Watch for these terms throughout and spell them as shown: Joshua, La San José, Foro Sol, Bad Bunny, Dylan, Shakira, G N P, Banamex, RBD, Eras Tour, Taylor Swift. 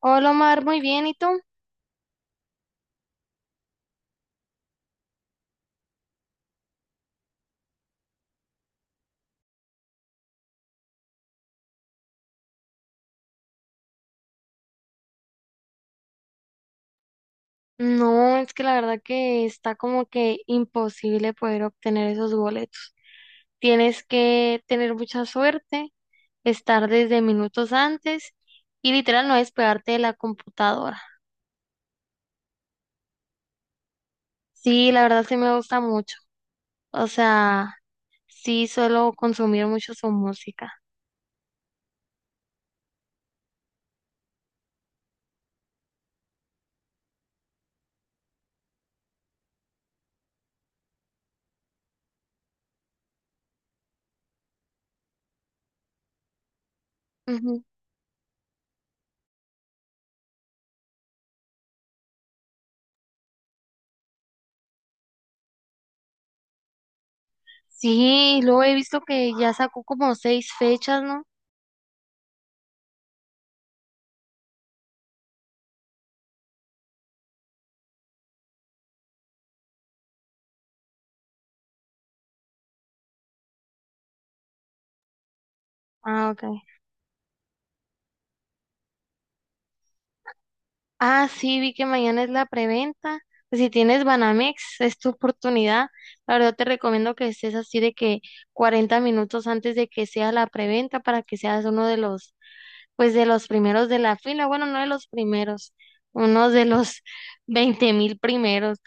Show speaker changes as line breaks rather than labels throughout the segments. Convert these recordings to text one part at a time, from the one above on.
Hola Omar, muy bien, ¿y tú? No, es que la verdad que está como que imposible poder obtener esos boletos. Tienes que tener mucha suerte, estar desde minutos antes y literal no despegarte de la computadora. Sí, la verdad sí me gusta mucho. O sea, sí suelo consumir mucho su música. Ujú. Sí, luego he visto que ya sacó como 6 fechas, ¿no? Ah, ok. Ah, sí, vi que mañana es la preventa. Pues si tienes Banamex, es tu oportunidad. La verdad te recomiendo que estés así de que 40 minutos antes de que sea la preventa para que seas pues de los primeros de la fila. Bueno, no de los primeros, uno de los 20,000 primeros.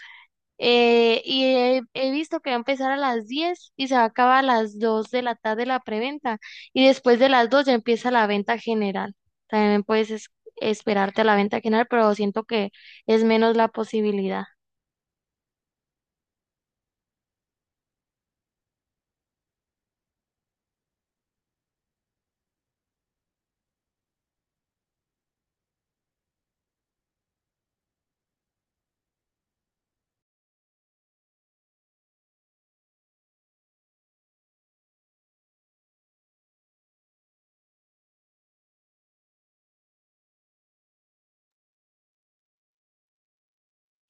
Y he visto que va a empezar a las 10 y se va a acabar a las 2 de la tarde la preventa. Y después de las 2 ya empieza la venta general. También puedes esperarte a la venta general, pero siento que es menos la posibilidad.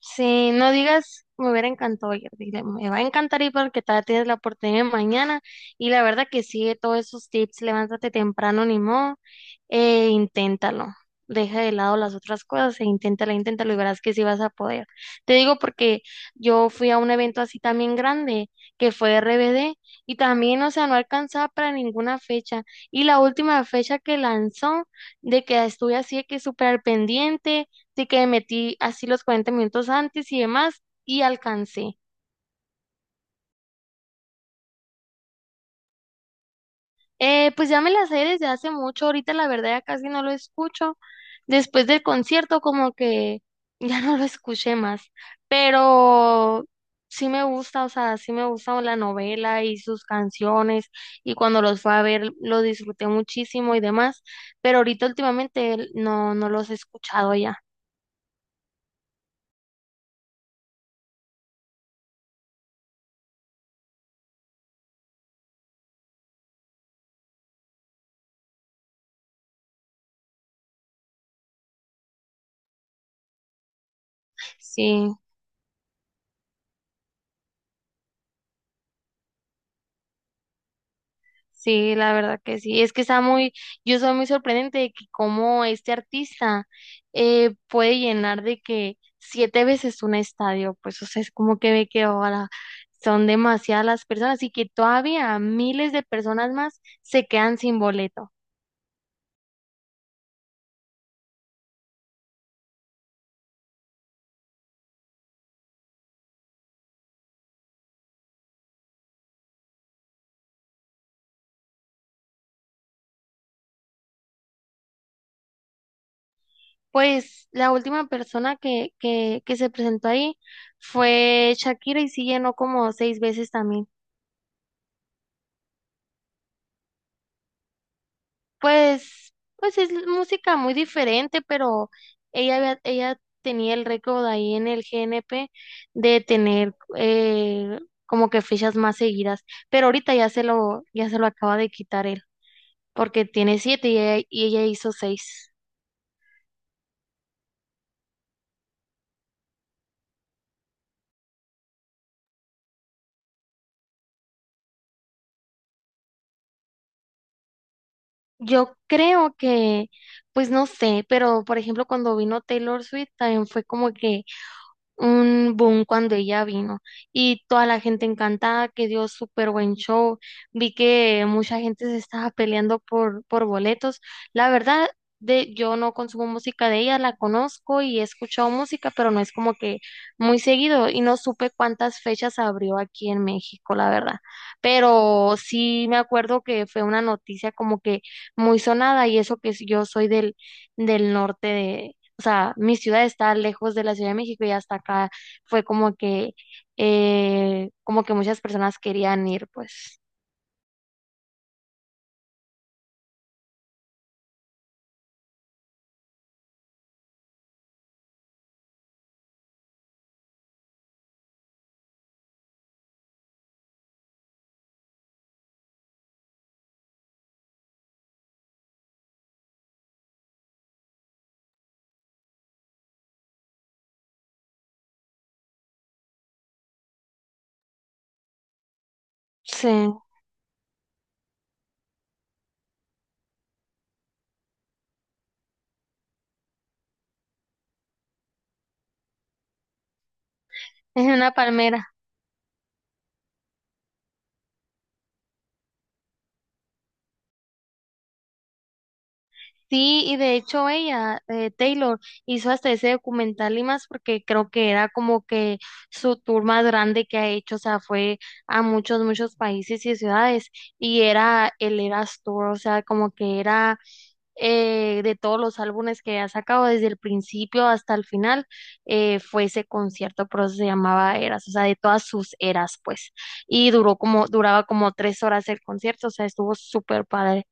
Sí, no digas, me hubiera encantado ir, dile, me va a encantar ir porque todavía tienes la oportunidad mañana y la verdad que sigue todos esos tips, levántate temprano, ni modo, e inténtalo, deja de lado las otras cosas e inténtalo, inténtalo y verás que sí vas a poder. Te digo porque yo fui a un evento así también grande que fue RBD y también, o sea, no alcanzaba para ninguna fecha y la última fecha que lanzó de que estuve así de que súper al pendiente. Así que me metí así los 40 minutos antes y demás y alcancé. Pues ya me la sé desde hace mucho, ahorita la verdad ya casi no lo escucho. Después del concierto como que ya no lo escuché más, pero sí me gusta, o sea, sí me gusta la novela y sus canciones y cuando los fue a ver lo disfruté muchísimo y demás, pero ahorita últimamente no, no los he escuchado ya. Sí. Sí, la verdad que sí. Es que está muy, yo soy muy sorprendente de que cómo este artista puede llenar de que 7 veces un estadio, pues o sea, es como que ve que ahora son demasiadas las personas y que todavía miles de personas más se quedan sin boleto. Pues la última persona que se presentó ahí fue Shakira y sí llenó como 6 veces también. Pues es música muy diferente, pero ella, ella tenía el récord ahí en el GNP de tener como que fechas más seguidas, pero ahorita ya se lo acaba de quitar él, porque tiene 7 y y ella hizo 6. Yo creo que, pues no sé, pero por ejemplo cuando vino Taylor Swift también fue como que un boom cuando ella vino y toda la gente encantada, que dio súper buen show. Vi que mucha gente se estaba peleando por boletos. La verdad, yo no consumo música de ella, la conozco y he escuchado música, pero no es como que muy seguido y no supe cuántas fechas abrió aquí en México, la verdad. Pero sí me acuerdo que fue una noticia como que muy sonada y eso que yo soy del norte, o sea, mi ciudad está lejos de la Ciudad de México y hasta acá fue como que muchas personas querían ir, pues, sí, es una palmera. Sí, y de hecho ella, Taylor, hizo hasta ese documental y más porque creo que era como que su tour más grande que ha hecho, o sea, fue a muchos, muchos países y ciudades y era el Eras Tour, o sea, como que era de todos los álbumes que ha sacado desde el principio hasta el final, fue ese concierto, por eso se llamaba Eras, o sea, de todas sus eras, pues. Y duraba como 3 horas el concierto, o sea, estuvo súper padre.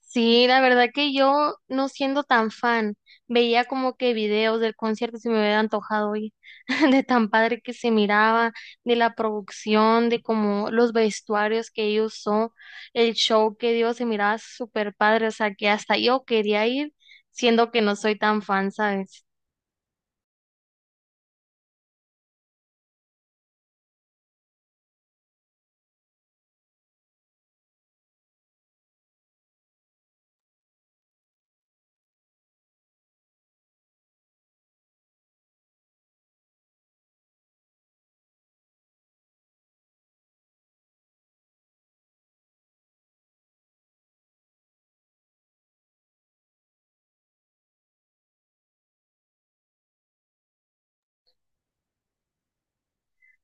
Sí, la verdad que yo, no siendo tan fan, veía como que videos del concierto y se me hubiera antojado ir, de tan padre que se miraba, de la producción, de como los vestuarios que ellos usó, el show que dio se miraba súper padre, o sea que hasta yo quería ir, siendo que no soy tan fan, ¿sabes?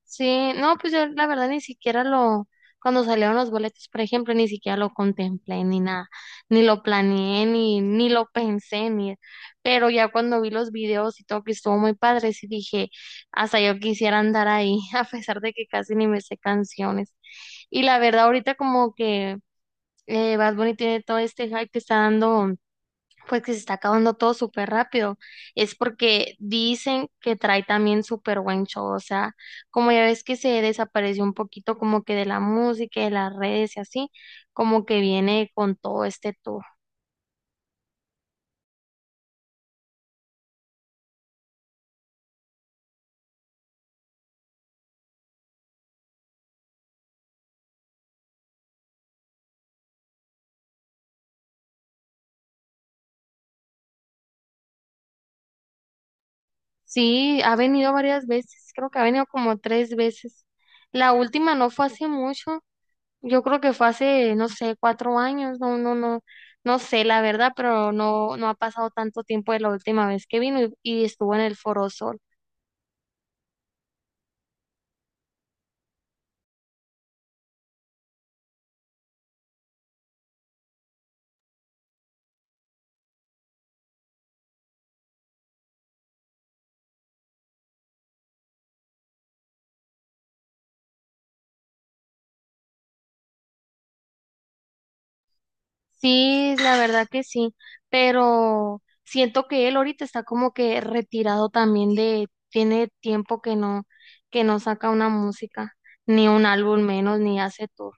Sí, no, pues yo la verdad ni siquiera lo, cuando salieron los boletos, por ejemplo, ni siquiera lo contemplé ni nada, ni lo planeé, ni lo pensé, ni, pero ya cuando vi los videos y todo que estuvo muy padre, sí dije, hasta yo quisiera andar ahí, a pesar de que casi ni me sé canciones. Y la verdad, ahorita como que Bad Bunny tiene todo este hype que está dando pues que se está acabando todo súper rápido, es porque dicen que trae también súper buen show, o sea, como ya ves que se desapareció un poquito como que de la música, de las redes y así, como que viene con todo este tour. Sí, ha venido varias veces, creo que ha venido como 3 veces. La última no fue hace mucho, yo creo que fue hace, no sé, 4 años, no, no, no, no sé la verdad, pero no, no ha pasado tanto tiempo de la última vez que vino y estuvo en el Foro Sol. Sí, la verdad que sí, pero siento que él ahorita está como que retirado también tiene tiempo que no saca una música, ni un álbum menos, ni hace tour.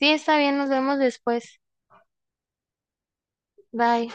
Sí, está bien, nos vemos después. Bye.